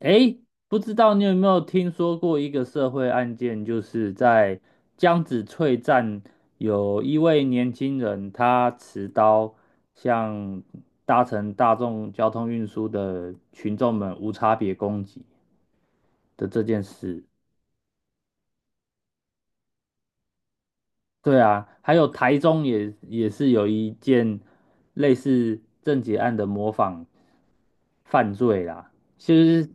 诶，不知道你有没有听说过一个社会案件，就是在江子翠站有一位年轻人，他持刀向搭乘大众交通运输的群众们无差别攻击的这件事。对啊，还有台中也是有一件类似郑捷案的模仿犯罪啦。其实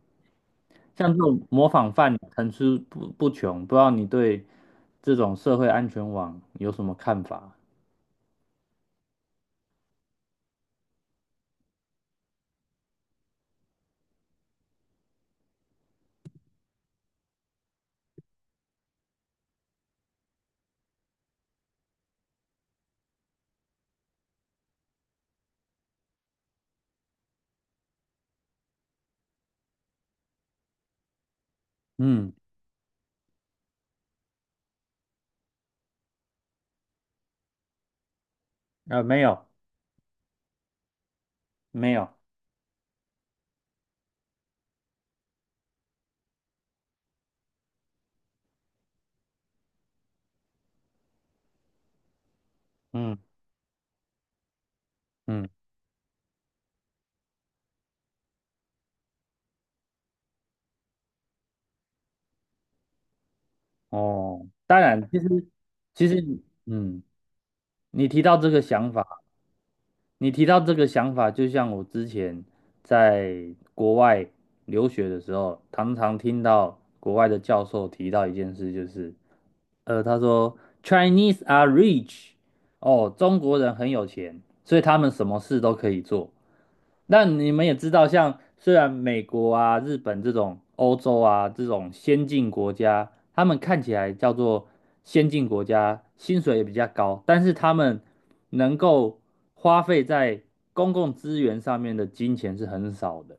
像这种模仿犯层出不穷，不知道你对这种社会安全网有什么看法？嗯。没有，没有。嗯嗯。哦，当然。其实其实，嗯，你提到这个想法。你提到这个想法，就像我之前在国外留学的时候，常常听到国外的教授提到一件事，就是他说 Chinese are rich,哦，中国人很有钱，所以他们什么事都可以做。那你们也知道，像虽然美国啊、日本这种欧洲啊这种先进国家，他们看起来叫做先进国家，薪水也比较高，但是他们能够花费在公共资源上面的金钱是很少的。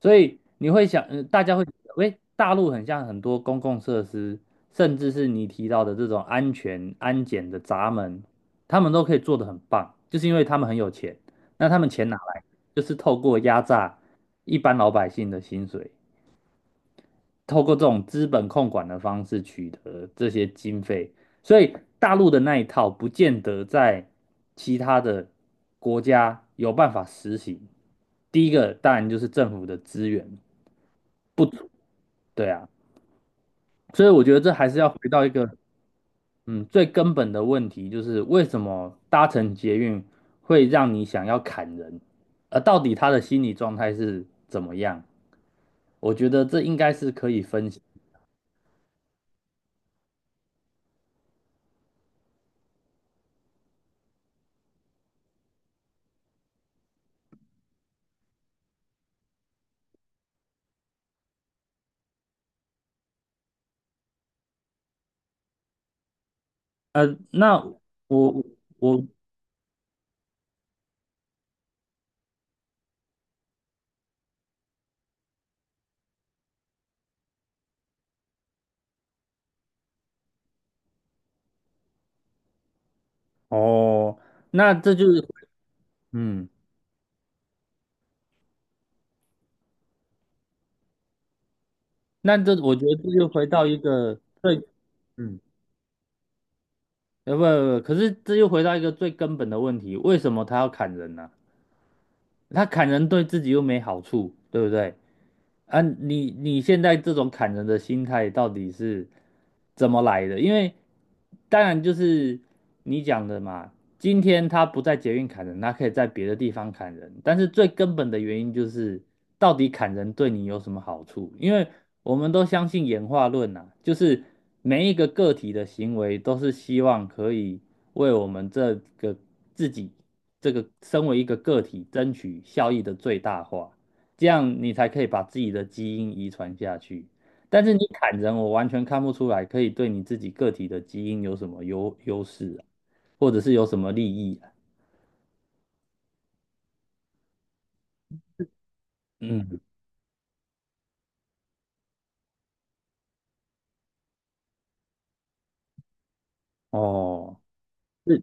所以你会想，大家会觉得，喂，大陆很像很多公共设施，甚至是你提到的这种安检的闸门，他们都可以做得很棒，就是因为他们很有钱。那他们钱哪来？就是透过压榨一般老百姓的薪水，透过这种资本控管的方式取得这些经费。所以大陆的那一套，不见得在其他的国家有办法实行。第一个当然就是政府的资源。对啊。所以我觉得这还是要回到一个最根本的问题，就是为什么搭乘捷运会让你想要砍人，而到底他的心理状态是怎么样？我觉得这应该是可以分析。呃，那我我哦，那这就是。嗯，我觉得这就回到一个最。嗯，呃不不不，可是这又回到一个最根本的问题，为什么他要砍人呢、他砍人对自己又没好处，对不对？啊，你现在这种砍人的心态到底是怎么来的？因为当然就是你讲的嘛，今天他不在捷运砍人，他可以在别的地方砍人，但是最根本的原因就是到底砍人对你有什么好处？因为我们都相信演化论呐、啊就是每一个个体的行为都是希望可以为我们这个自己这个身为一个个体争取效益的最大化。这样你才可以把自己的基因遗传下去。但是你砍人，我完全看不出来可以对你自己个体的基因有什么优势啊，或者是有什么利益啊。嗯。哦。是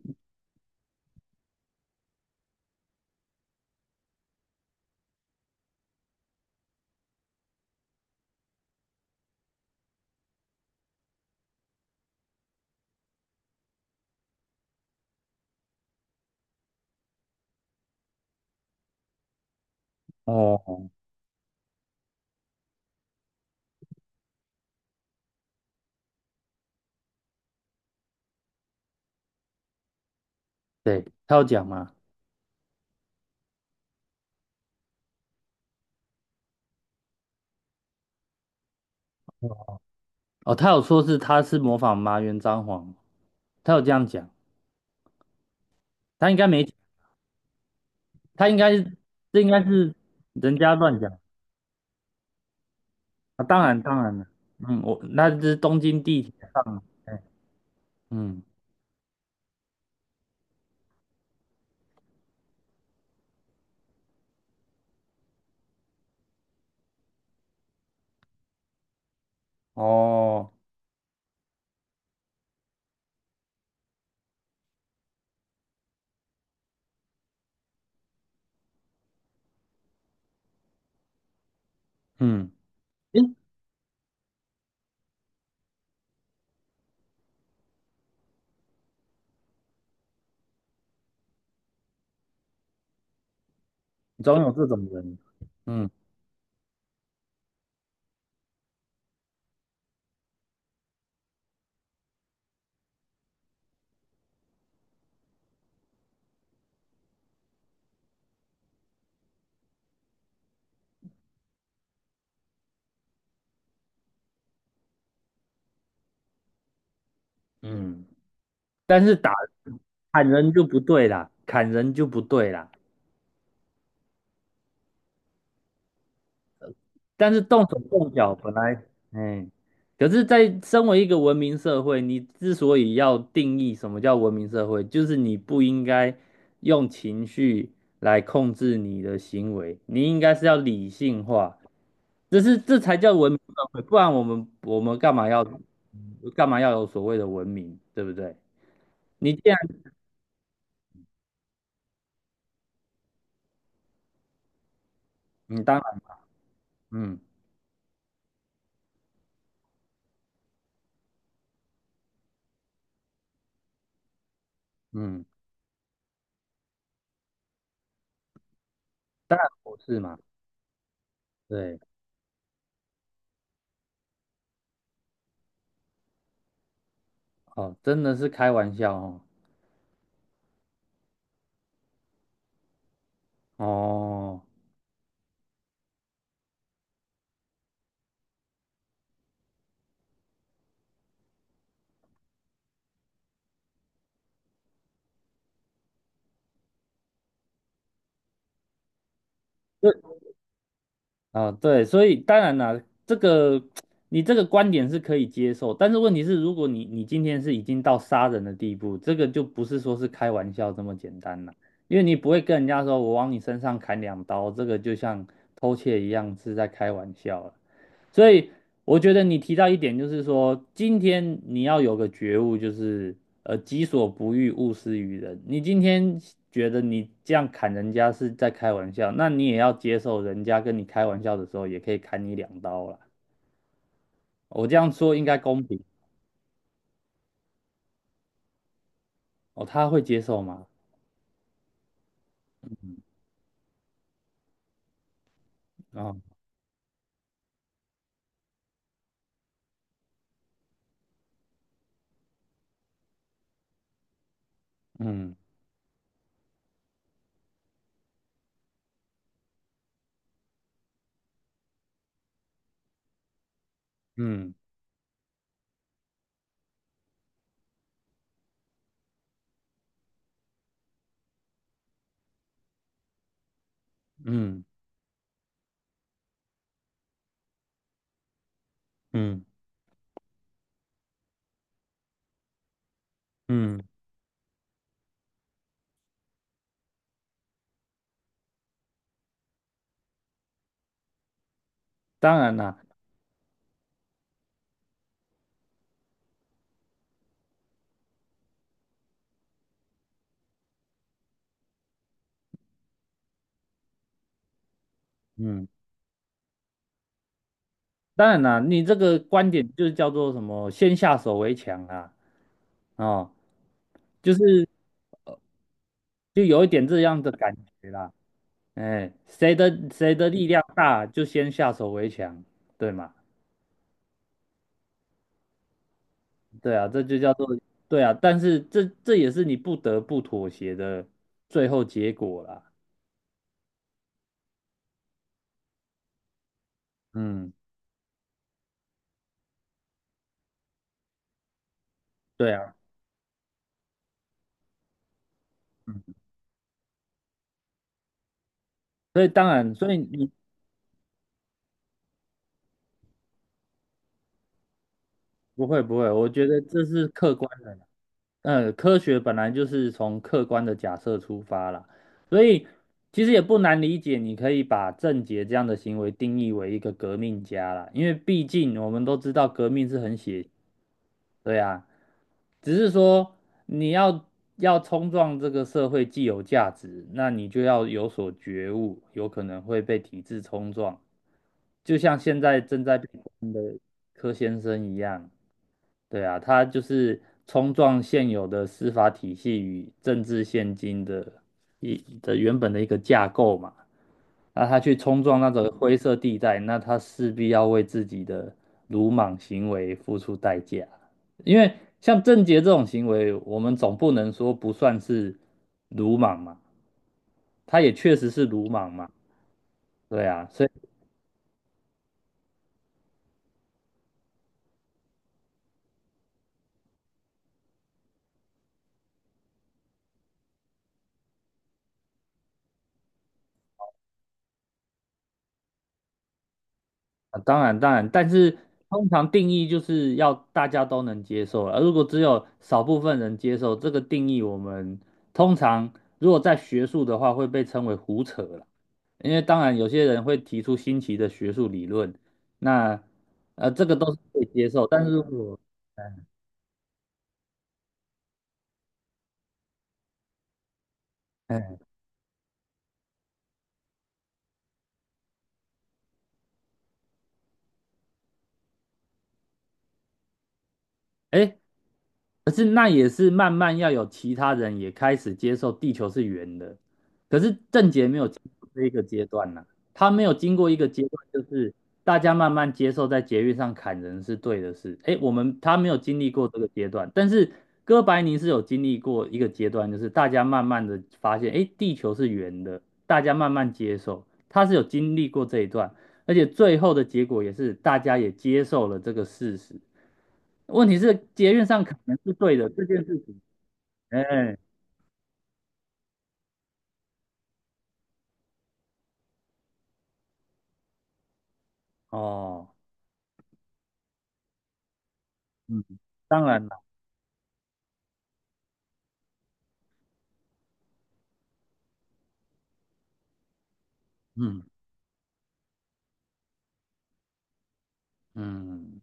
哦。对，他有讲吗？哦，他有说是他是模仿麻原彰晃，他有这样讲，他应该没，他应该是。这应该是人家乱讲。啊，当然当然了。嗯，我那是东京地铁上。哎。嗯。哦。嗯。诶总有这种人。嗯嗯。但是打砍人就不对啦，砍人就不对啦。但是动手动脚本来。哎，可是，在身为一个文明社会，你之所以要定义什么叫文明社会，就是你不应该用情绪来控制你的行为，你应该是要理性化，这才叫文明社会，不然我们干嘛要干嘛要有所谓的文明，对不对？你既然。你当然。嗯。嗯，我是嘛？对。哦，真的是开玩笑哦。哦。对。啊，对，所以当然啦，这个你这个观点是可以接受，但是问题是，如果你今天是已经到杀人的地步，这个就不是说是开玩笑这么简单了，因为你不会跟人家说我往你身上砍两刀，这个就像偷窃一样是在开玩笑了。所以我觉得你提到一点，就是说，今天你要有个觉悟，就是己所不欲，勿施于人。你今天觉得你这样砍人家是在开玩笑，那你也要接受人家跟你开玩笑的时候，也可以砍你两刀啦。我这样说应该公平。哦，他会接受吗？哦。嗯嗯嗯嗯嗯，当然啦。嗯，当然啦，你这个观点就是叫做什么"先下手为强"啊。哦。就是就有一点这样的感觉啦。哎，谁的谁的力量大，就先下手为强，对吗？对啊，这就叫做。对啊。但是这这也是你不得不妥协的最后结果啦。嗯。对啊。嗯，所以当然，所以你。不会不会，我觉得这是客观。科学本来就是从客观的假设出发啦，所以其实也不难理解，你可以把郑捷这样的行为定义为一个革命家啦，因为毕竟我们都知道革命是很血，对啊，只是说你要要冲撞这个社会既有价值，那你就要有所觉悟，有可能会被体制冲撞，就像现在正在被关的柯先生一样。对啊，他就是冲撞现有的司法体系与政治现今的一原本的一个架构嘛。那他去冲撞那种灰色地带，那他势必要为自己的鲁莽行为付出代价。因为像郑捷这种行为，我们总不能说不算是鲁莽嘛，他也确实是鲁莽嘛。对啊，所以。啊，当然当然，但是通常定义就是要大家都能接受了。而如果只有少部分人接受这个定义，我们通常如果在学术的话会被称为胡扯了。因为当然有些人会提出新奇的学术理论，那这个都是可以接受，但是如果。哎，可是那也是慢慢要有其他人也开始接受地球是圆的，可是郑杰没有经过这一个阶段呐、他没有经过一个阶段，就是大家慢慢接受在捷运上砍人是对的事。哎，我们他没有经历过这个阶段，但是哥白尼是有经历过一个阶段，就是大家慢慢的发现，哎，地球是圆的，大家慢慢接受，他是有经历过这一段。而且最后的结果也是大家也接受了这个事实。问题是捷运上可能是对的这件事情。哎。哦。嗯，当然了。嗯嗯。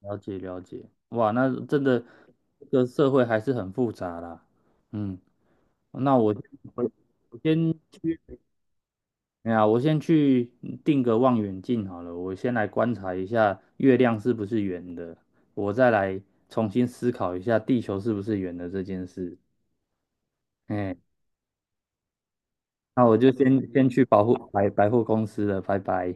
了解了解，哇，那真的这个社会还是很复杂啦。嗯，那我我先去，哎呀，我先去定个望远镜好了，我先来观察一下月亮是不是圆的，我再来重新思考一下地球是不是圆的这件事。哎，那我就先去保护百货公司了，拜拜。